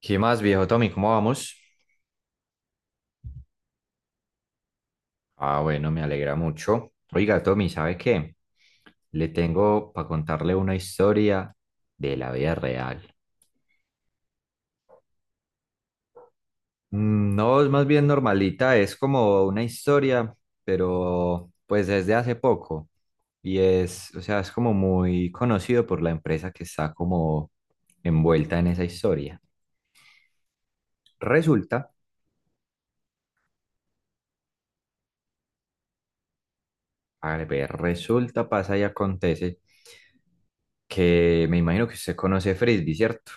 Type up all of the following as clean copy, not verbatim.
¿Qué más, viejo Tommy? ¿Cómo vamos? Ah, bueno, me alegra mucho. Oiga, Tommy, ¿sabe qué? Le tengo para contarle una historia de la vida real. No, es más bien normalita, es como una historia, pero pues desde hace poco. Y es, o sea, es como muy conocido por la empresa que está como envuelta en esa historia. Resulta, a ver, resulta, pasa y acontece que me imagino que usted conoce Frisbee, ¿cierto?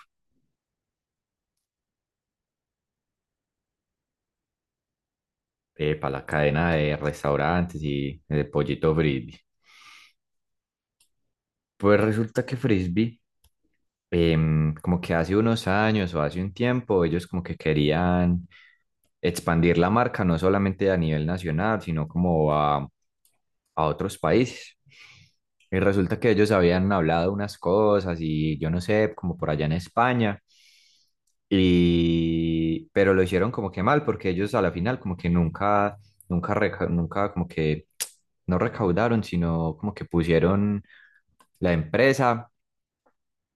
Para la cadena de restaurantes y de pollito frisbee. Pues resulta que frisbee como que hace unos años o hace un tiempo, ellos como que querían expandir la marca no solamente a nivel nacional, sino como a otros países. Y resulta que ellos habían hablado unas cosas y yo no sé, como por allá en España. Y, pero lo hicieron como que mal, porque ellos a la final como que nunca, nunca, nunca como que no recaudaron, sino como que pusieron la empresa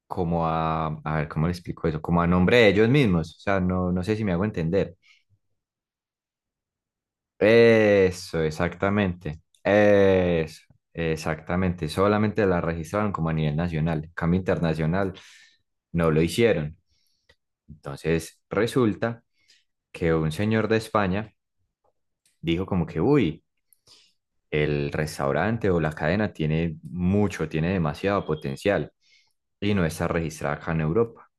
como a ver, ¿cómo le explico eso? Como a nombre de ellos mismos. O sea, no, no sé si me hago entender. Eso, exactamente. Eso, exactamente. Solamente la registraron como a nivel nacional. En cambio internacional, no lo hicieron. Entonces, resulta que un señor de España dijo como que, uy, el restaurante o la cadena tiene mucho, tiene demasiado potencial y no está registrada acá en Europa.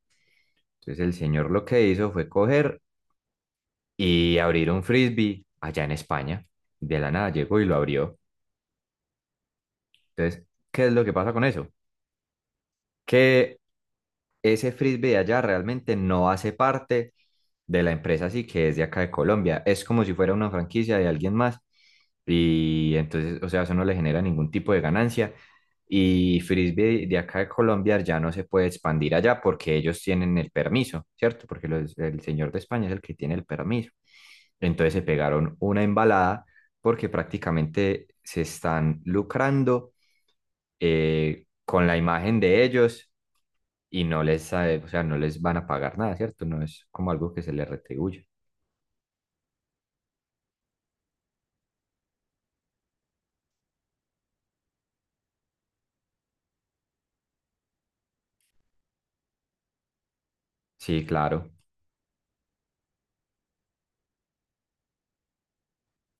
Entonces el señor lo que hizo fue coger y abrir un frisbee allá en España. De la nada llegó y lo abrió. Entonces, ¿qué es lo que pasa con eso? Que ese frisbee de allá realmente no hace parte de la empresa, así que es de acá de Colombia. Es como si fuera una franquicia de alguien más. Y entonces, o sea, eso no le genera ningún tipo de ganancia. Y frisbee de acá de Colombia ya no se puede expandir allá porque ellos tienen el permiso, ¿cierto? Porque el señor de España es el que tiene el permiso. Entonces se pegaron una embalada porque prácticamente se están lucrando con la imagen de ellos y no les, o sea, no les van a pagar nada, ¿cierto? No es como algo que se les retribuye. Sí, claro.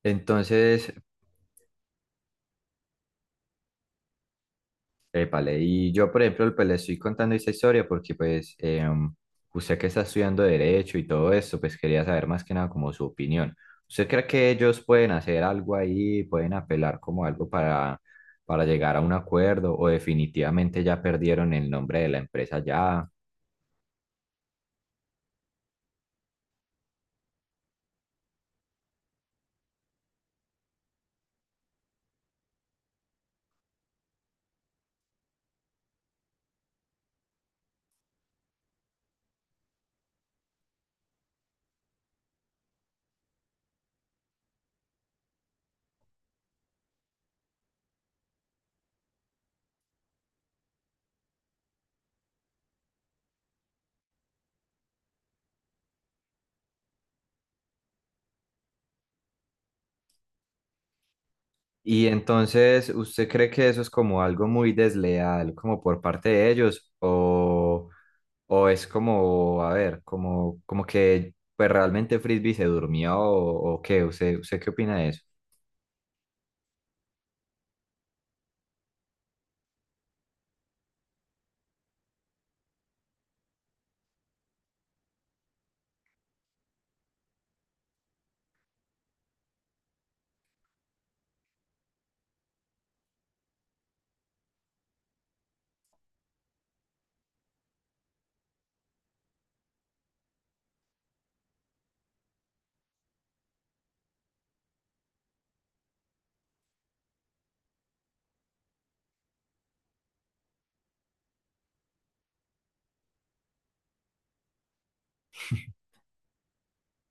Entonces, épale, y yo, por ejemplo, pues le estoy contando esta historia porque, pues, usted que está estudiando Derecho y todo eso, pues quería saber más que nada como su opinión. ¿Usted cree que ellos pueden hacer algo ahí, pueden apelar como algo para llegar a un acuerdo o definitivamente ya perdieron el nombre de la empresa ya? Y entonces, ¿usted cree que eso es como algo muy desleal, como por parte de ellos? O es como, a ver, como, como que pues realmente Frisbee se durmió o qué? ¿Usted qué opina de eso?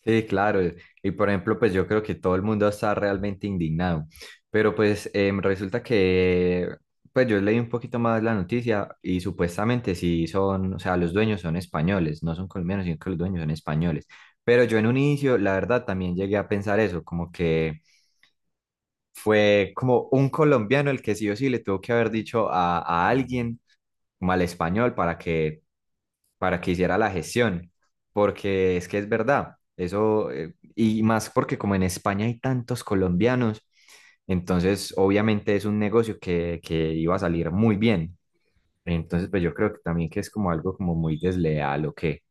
Sí, claro. Y por ejemplo, pues yo creo que todo el mundo está realmente indignado. Pero pues resulta que, pues yo leí un poquito más la noticia y supuestamente sí son, o sea, los dueños son españoles, no son colombianos, sino que los dueños son españoles. Pero yo en un inicio, la verdad, también llegué a pensar eso, como que fue como un colombiano el que sí o sí le tuvo que haber dicho a alguien, como al español, para que hiciera la gestión, porque es que es verdad, eso, y más porque como en España hay tantos colombianos, entonces obviamente es un negocio que iba a salir muy bien. Entonces, pues yo creo que también que es como algo como muy desleal o qué.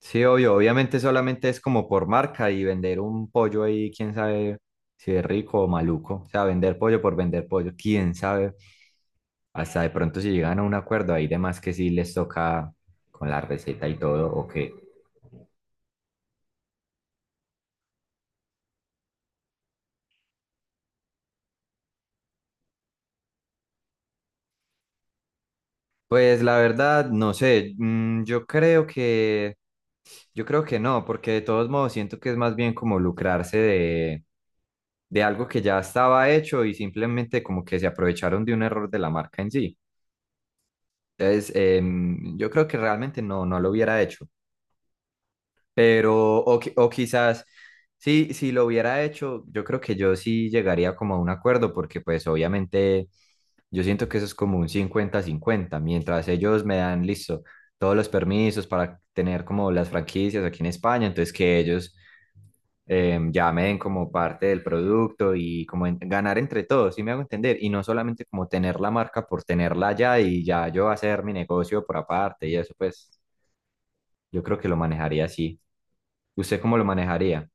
Sí, obvio, obviamente solamente es como por marca y vender un pollo ahí, quién sabe si es rico o maluco. O sea, vender pollo por vender pollo, quién sabe. Hasta de pronto si llegan a un acuerdo, hay demás que sí les toca con la receta y todo, o qué. Pues la verdad, no sé, yo creo que no, porque de todos modos siento que es más bien como lucrarse de algo que ya estaba hecho y simplemente como que se aprovecharon de un error de la marca en sí. Entonces, yo creo que realmente no, no lo hubiera hecho. Pero, o, o quizás, sí, si lo hubiera hecho, yo creo que yo sí llegaría como a un acuerdo, porque pues obviamente yo siento que eso es como un cincuenta-cincuenta mientras ellos me dan, listo, todos los permisos para tener como las franquicias aquí en España, entonces que ellos ya me den como parte del producto y como ganar entre todos, ¿sí me hago entender? Y no solamente como tener la marca por tenerla ya y ya yo hacer mi negocio por aparte y eso pues. Yo creo que lo manejaría así. ¿Usted cómo lo manejaría?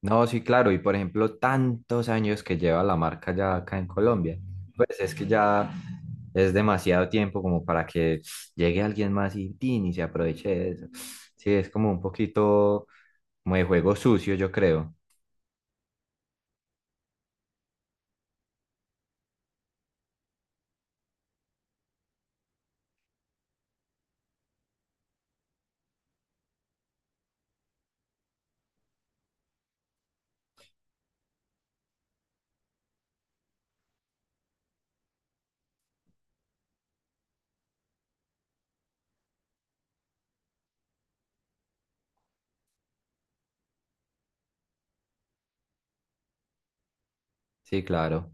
No, sí, claro. Y por ejemplo, tantos años que lleva la marca ya acá en Colombia. Pues es que ya es demasiado tiempo como para que llegue alguien más y, tin, y se aproveche de eso. Sí, es como un poquito como de juego sucio, yo creo. Sí, claro.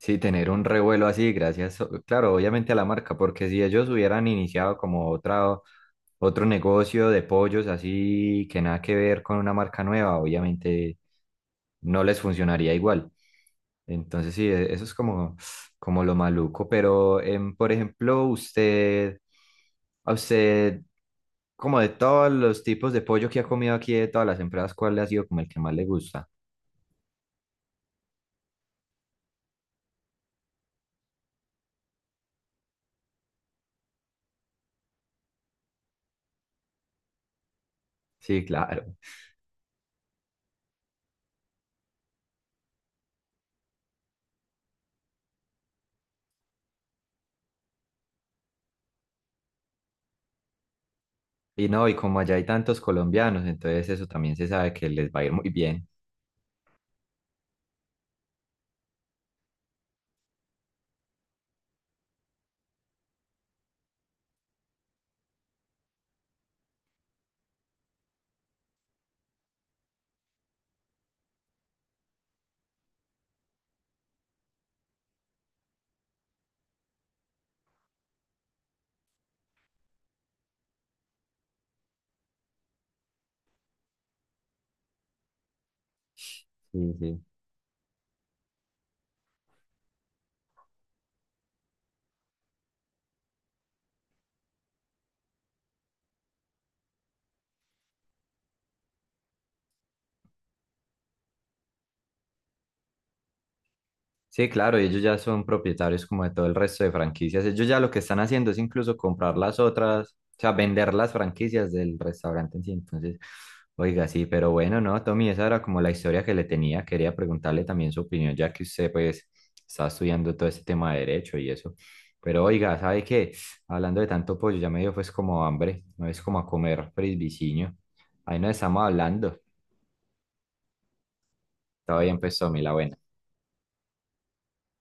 Sí, tener un revuelo así, gracias, o- claro, obviamente a la marca, porque si ellos hubieran iniciado como otra, otro negocio de pollos así que nada que ver con una marca nueva, obviamente no les funcionaría igual. Entonces sí, eso es como, como lo maluco, pero por ejemplo, usted, a usted, como de todos los tipos de pollo que ha comido aquí, de todas las empresas, ¿cuál le ha sido como el que más le gusta? Sí, claro. Y no, y como allá hay tantos colombianos, entonces eso también se sabe que les va a ir muy bien. Sí, sí. Sí, claro, y ellos ya son propietarios como de todo el resto de franquicias. Ellos ya lo que están haciendo es incluso comprar las otras, o sea, vender las franquicias del restaurante en sí. Entonces, oiga, sí, pero bueno, no, Tommy, esa era como la historia que le tenía. Quería preguntarle también su opinión, ya que usted pues está estudiando todo este tema de derecho y eso. Pero oiga, ¿sabe qué? Hablando de tanto pollo, ya me dio pues como hambre, no es como a comer frisbiciño. Ahí no estamos hablando. Todavía empezó, mi la buena.